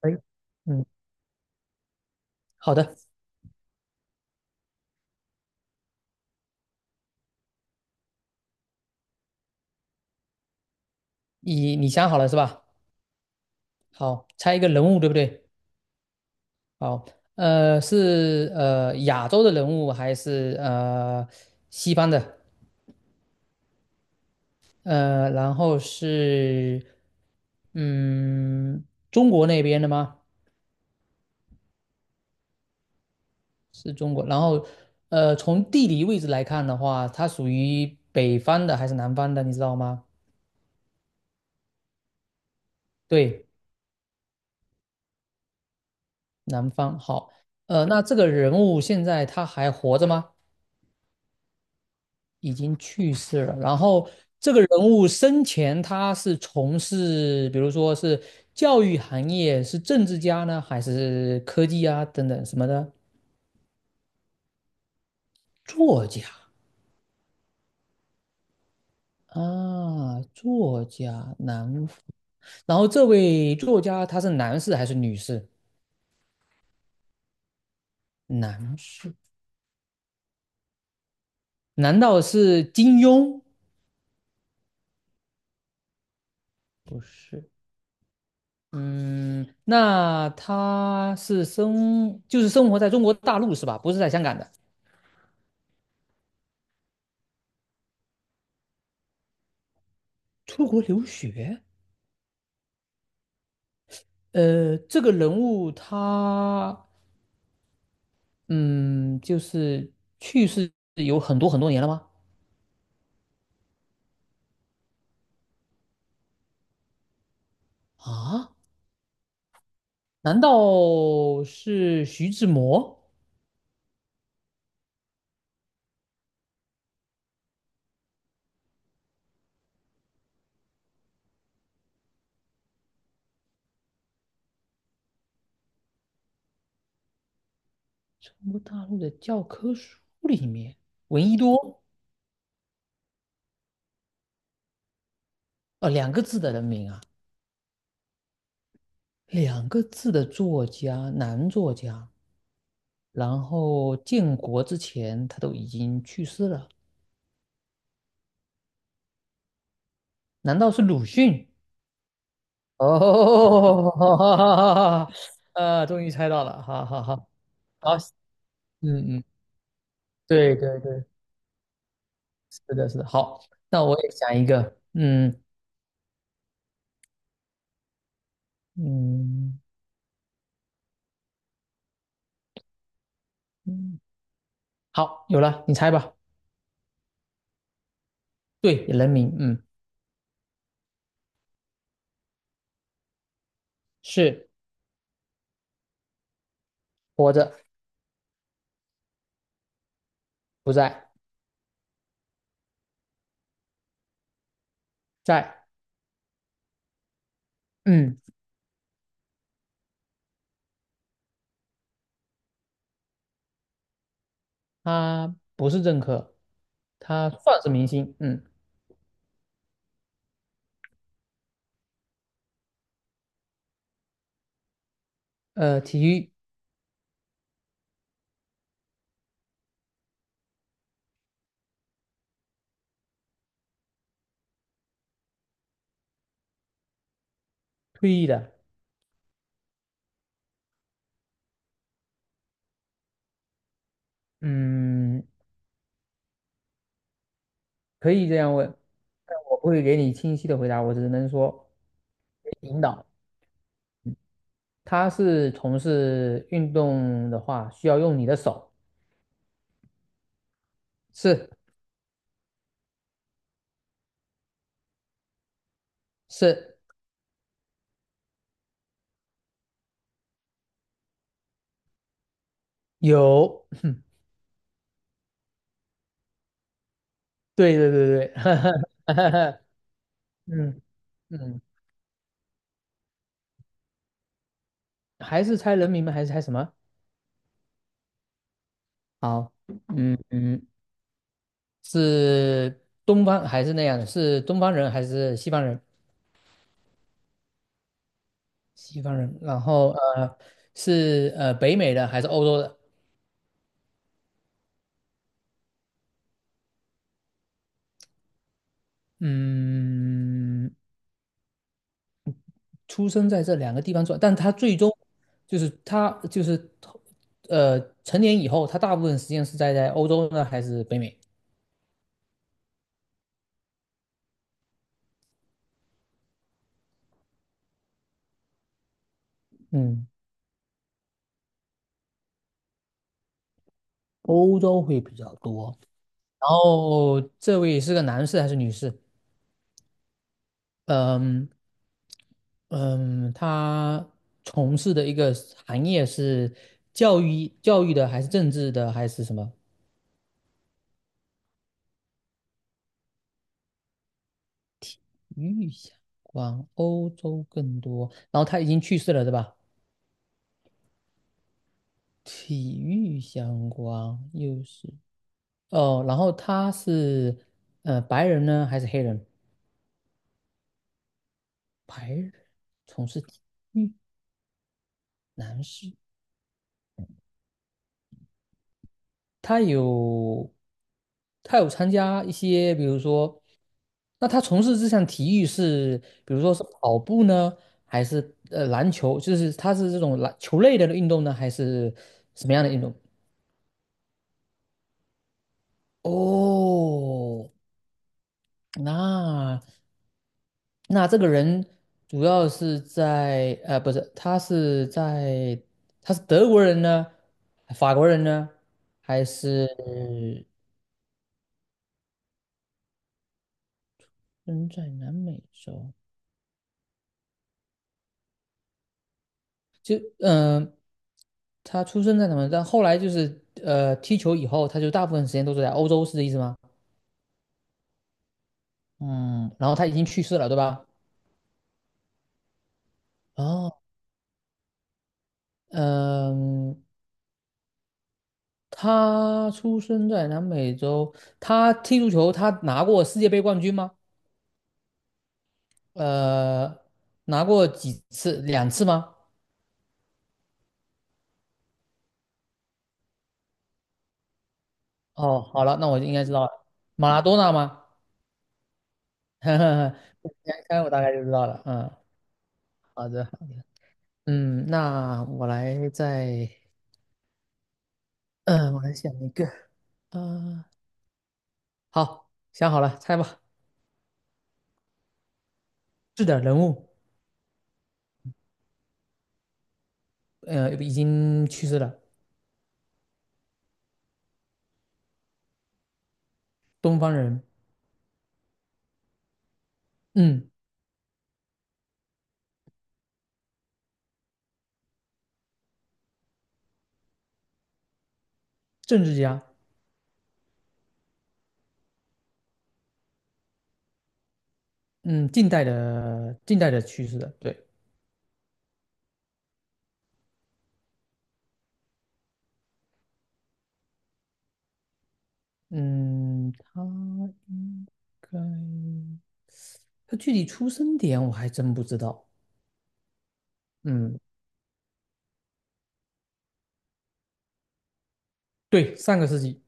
可嗯，好的，你想好了是吧？好，猜一个人物，对不对？好，是亚洲的人物还是西方的？然后是嗯中国那边的吗？是中国。然后从地理位置来看的话，它属于北方的还是南方的？你知道吗？对，南方。好，那这个人物现在他还活着吗？已经去世了。然后这个人物生前他是从事，比如说是教育行业，是政治家呢，还是科技啊等等什么的？作家啊，作家男。然后这位作家他是男士还是女士？男士。难道是金庸？不是。嗯，那他是生，就是生活在中国大陆是吧？不是在香港的。出国留学？这个人物他，嗯，就是去世有很多很多年了吗？啊，难道是徐志摩？中国大陆的教科书里面，闻一多，两个字的人名啊，两个字的作家，男作家，然后建国之前他都已经去世了，难道是鲁迅？哦，终于猜到了，好好好，好，嗯嗯。对对对，是的，是的。好，那我也想一个，嗯嗯，好，有了，你猜吧。对，人民，嗯，是活着，不在，在，嗯，他不是政客，他算是明星，嗯，体育退役的，嗯，可以这样问，但我不会给你清晰的回答，我只能说领导。他是从事运动的话，需要用你的手，是是有。对对对对，哈哈哈嗯嗯，还是猜人名吗？还是猜什么？好，嗯嗯，是东方还是那样的？是东方人还是西方人？西方人，然后是北美的还是欧洲的？嗯，出生在这两个地方做，但他最终就是他就是成年以后，他大部分时间是在欧洲呢还是北美？嗯，欧洲会比较多。然后这位是个男士还是女士？嗯嗯，他从事的一个行业是教育的，还是政治的，还是什么？与相关，欧洲更多。然后他已经去世了，对吧？体育相关又是哦，然后他是白人呢，还是黑人？白人从事体育，男士。他有参加一些，比如说，那他从事这项体育是，比如说是跑步呢，还是篮球？就是他是这种篮球类的运动呢，还是什么样的运动？哦，那这个人主要是在呃，不是，他是在他是德国人呢，法国人呢，还是嗯在南美洲？就嗯、呃他出生在什么？但后来就是踢球以后，他就大部分时间都是在欧洲，是这意思吗？嗯，然后他已经去世了，对吧？哦，嗯，他出生在南美洲，他踢足球，他拿过世界杯冠军吗？呃，拿过几次？两次吗？哦，好了，那我就应该知道了，马拉多纳吗？呵呵呵，看我大概就知道了。嗯，好的，好的。嗯，那我来再嗯，我来想一个。呃，好，想好了，猜吧。是的，人物，已经去世了，东方人，嗯，政治家，嗯，近代的去世的，对，嗯，他应该，他具体出生点我还真不知道。嗯，对，上个世纪，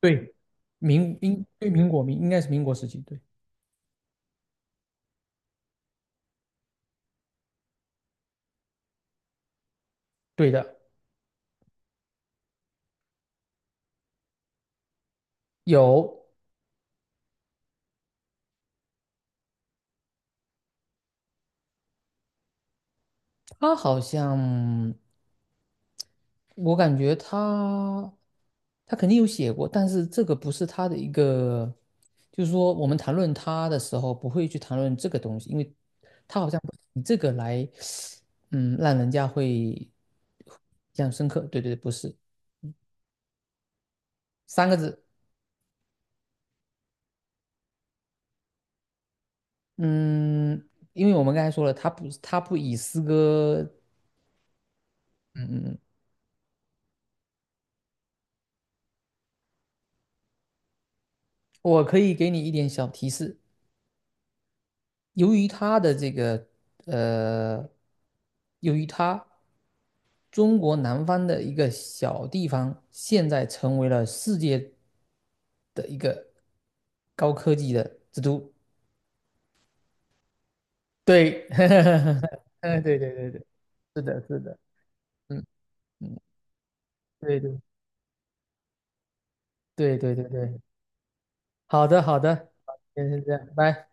对，民英对民国民应该是民国时期，对，对的，有他好像，我感觉他。他肯定有写过，但是这个不是他的一个，就是说我们谈论他的时候不会去谈论这个东西，因为他好像不以这个来，嗯，让人家会印象深刻。对对对，不是三个字，嗯，因为我们刚才说了，他不以诗歌，嗯嗯，我可以给你一点小提示，由于他的这个，呃，由于他。中国南方的一个小地方，现在成为了世界的一个高科技的之都。对，嗯，对对对对，是的，是的，嗯嗯，对对对对对对，好的好的，好，今天先这样，拜。